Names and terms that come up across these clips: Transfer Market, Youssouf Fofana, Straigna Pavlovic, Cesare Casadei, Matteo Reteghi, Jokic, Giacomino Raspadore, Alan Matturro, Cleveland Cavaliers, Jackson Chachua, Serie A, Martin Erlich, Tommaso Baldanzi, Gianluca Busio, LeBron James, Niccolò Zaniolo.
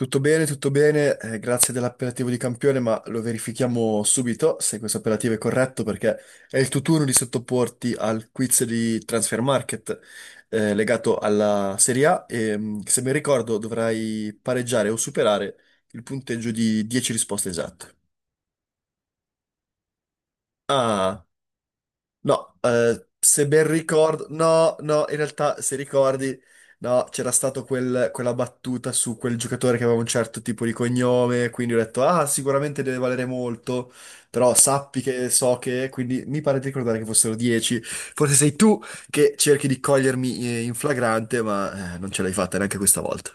Tutto bene, grazie dell'appellativo di campione, ma lo verifichiamo subito se questo appellativo è corretto perché è il tuo turno di sottoporti al quiz di Transfer Market, legato alla Serie A e se mi ricordo dovrai pareggiare o superare il punteggio di 10 risposte esatte. Ah, no, se ben ricordo, no, no, in realtà se ricordi, no, c'era stato quel- quella battuta su quel giocatore che aveva un certo tipo di cognome, quindi ho detto, ah, sicuramente deve valere molto, però sappi che so che, quindi mi pare di ricordare che fossero 10, forse sei tu che cerchi di cogliermi in flagrante, ma non ce l'hai fatta neanche questa volta.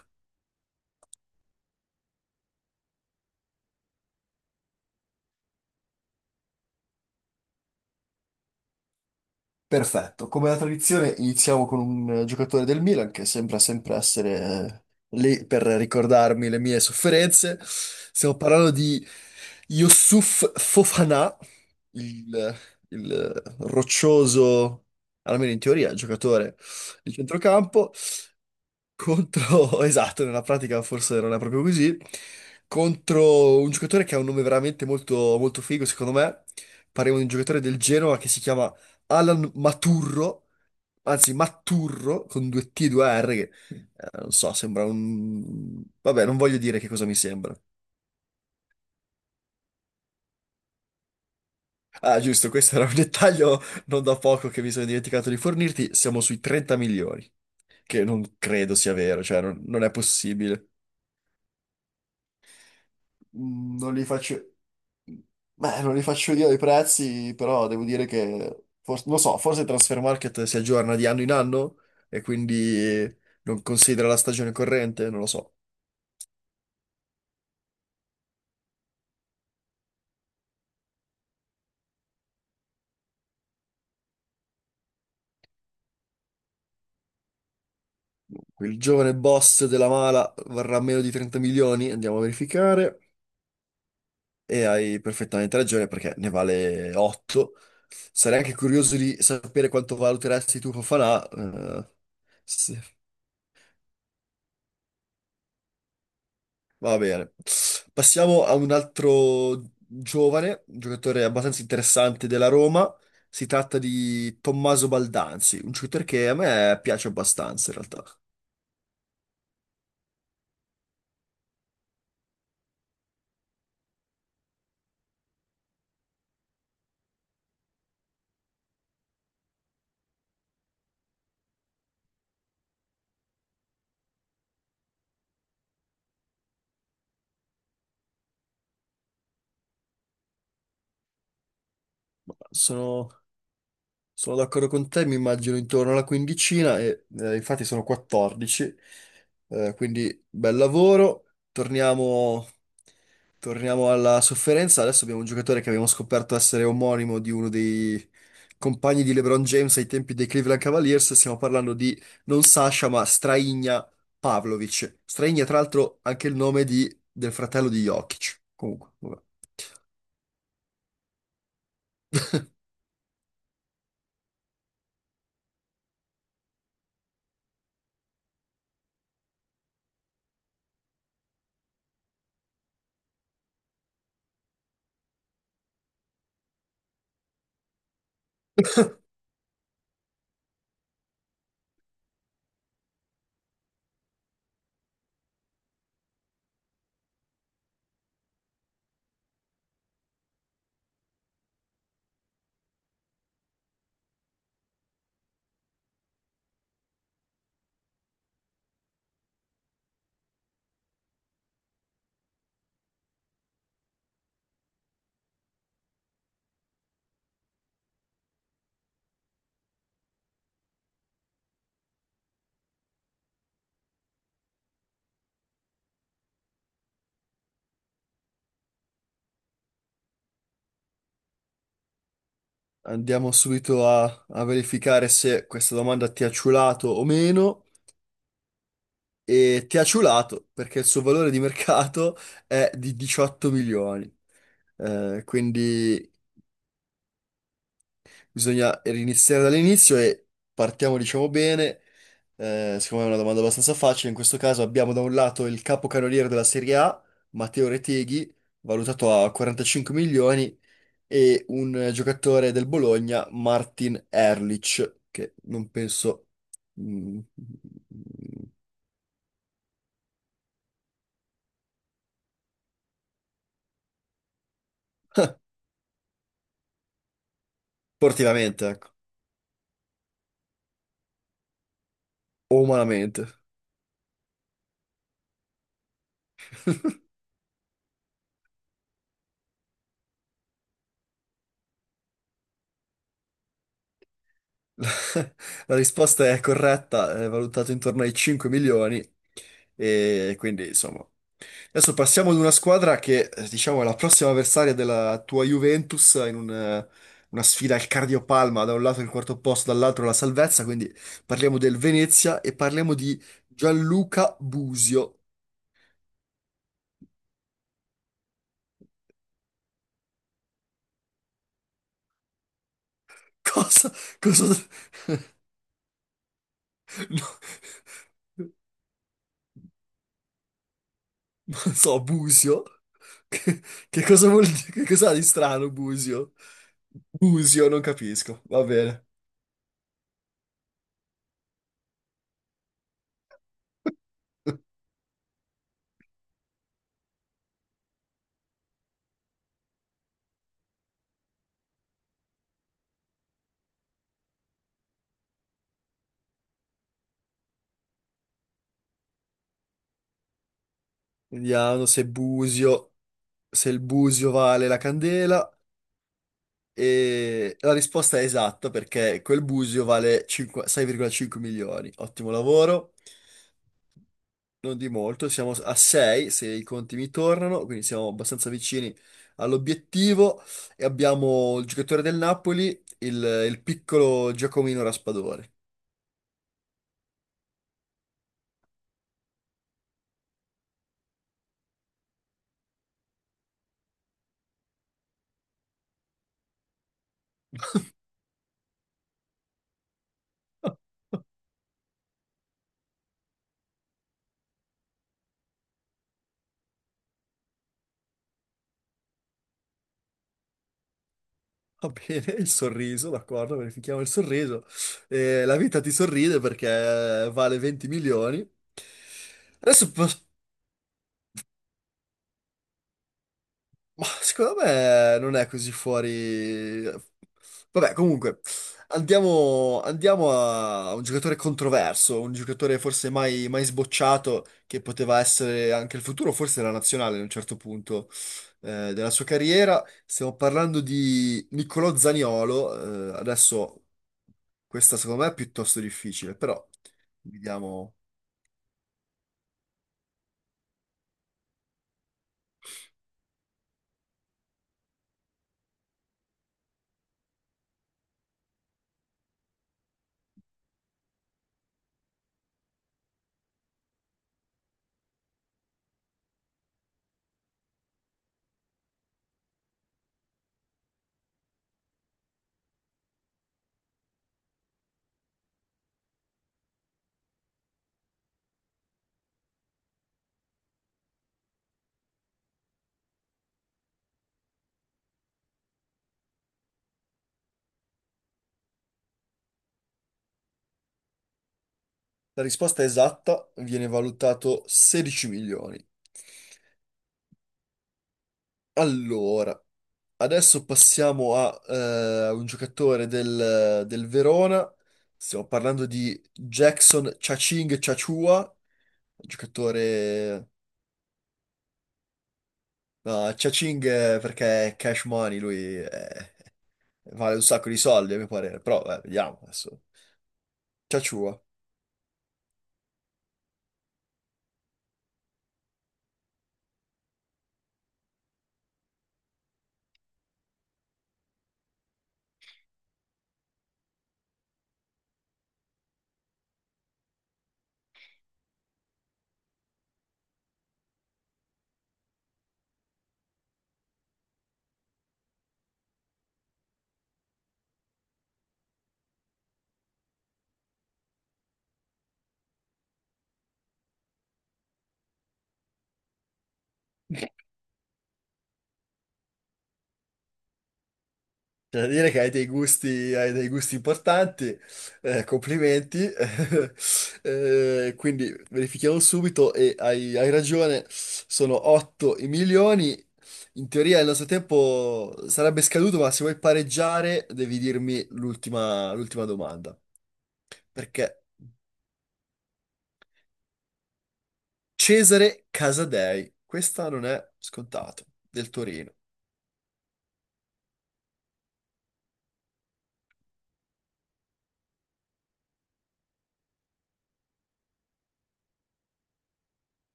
Perfetto, come la tradizione iniziamo con un giocatore del Milan che sembra sempre essere lì per ricordarmi le mie sofferenze. Stiamo parlando di Youssouf Fofana, il, il roccioso, almeno in teoria, giocatore di centrocampo, contro, esatto, nella pratica forse non è proprio così, contro un giocatore che ha un nome veramente molto, molto figo secondo me. Parliamo di un giocatore del Genoa che si chiama Alan Maturro, anzi Matturro con due T e due R, che non so, sembra un... Vabbè, non voglio dire che cosa mi sembra. Ah, giusto, questo era un dettaglio non da poco che mi sono dimenticato di fornirti. Siamo sui 30 milioni, che non credo sia vero, cioè non, non è possibile. Mm, non li faccio... Beh, non li faccio io i prezzi, però devo dire che... forse- non lo so, forse Transfer Market si aggiorna di anno in anno e quindi non considera la stagione corrente, non lo so. Il giovane boss della mala varrà meno di 30 milioni, andiamo a verificare. E hai perfettamente ragione perché ne vale 8. Sarei anche curioso di sapere quanto valuteresti tu Fofana, sì, va bene. Passiamo a un altro giovane, giocatore abbastanza interessante della Roma. Si tratta di Tommaso Baldanzi, un shooter che a me piace abbastanza in realtà. Sono Sono d'accordo con te, mi immagino intorno alla quindicina e infatti sono 14, quindi bel lavoro. Torniamo, torniamo alla sofferenza. Adesso abbiamo un giocatore che abbiamo scoperto essere omonimo di uno dei compagni di LeBron James ai tempi dei Cleveland Cavaliers. Stiamo parlando di non Sasha, ma Straigna Pavlovic. Straigna, tra l'altro, anche il nome di- del fratello di Jokic. Comunque, vabbè. Andiamo subito a, a verificare se questa domanda ti ha ciulato o meno. E ti ha ciulato perché il suo valore di mercato è di 18 milioni. Quindi bisogna riniziare dall'inizio e partiamo, diciamo, bene. Secondo me è una domanda abbastanza facile. In questo caso abbiamo da un lato il capocannoniere della Serie A, Matteo Reteghi, valutato a 45 milioni, e un giocatore del Bologna, Martin Erlich, che non penso mm, sportivamente, ecco, o umanamente. La, la risposta è corretta, è valutato intorno ai 5 milioni e quindi insomma adesso passiamo ad una squadra che, diciamo, è la prossima avversaria della tua Juventus in un, una sfida al cardiopalma, da un lato il quarto posto, dall'altro la salvezza, quindi parliamo del Venezia e parliamo di Gianluca Busio. Cosa? Cosa? No, non so, Busio? Che, che cosa vuol dire? Che cosa ha di strano Busio? Busio, non capisco, va bene. Vediamo se Busio, se il Busio vale la candela. E la risposta è esatta perché quel busio vale 5, 6,5 milioni. Ottimo lavoro, non di molto, siamo a 6 se i conti mi tornano, quindi siamo abbastanza vicini all'obiettivo e abbiamo il giocatore del Napoli, il piccolo Giacomino Raspadore. Va bene, il sorriso, d'accordo, verifichiamo il sorriso. La vita ti sorride perché vale 20 milioni. Adesso po- ma secondo me non è così fuori. Vabbè, comunque, andiamo, andiamo a un giocatore controverso, un giocatore forse mai, mai sbocciato, che poteva essere anche il futuro, forse la nazionale a un certo punto della sua carriera. Stiamo parlando di Niccolò Zaniolo. Eh, adesso questa secondo me è piuttosto difficile, però vediamo. La risposta esatta viene valutato 16 milioni. Allora. Adesso passiamo a un giocatore del, del Verona. Stiamo parlando di Jackson Chaching Chachua, giocatore... No, Chaching perché è cash money, lui vale un sacco di soldi a mio parere, però vediamo adesso. Chachua. C'è da dire che hai dei gusti importanti, complimenti. Quindi verifichiamo subito e hai, hai ragione, sono 8 i milioni. In teoria il nostro tempo sarebbe scaduto, ma se vuoi pareggiare devi dirmi l'ultima domanda. Perché Cesare Casadei, questa non è scontato, del Torino.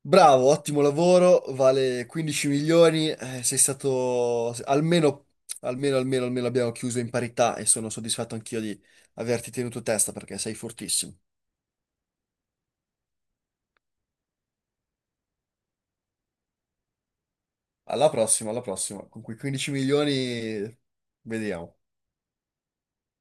Bravo, ottimo lavoro, vale 15 milioni, sei stato almeno, almeno, almeno, almeno abbiamo chiuso in parità e sono soddisfatto anch'io di averti tenuto testa perché sei fortissimo. Alla prossima, con quei 15 milioni vediamo.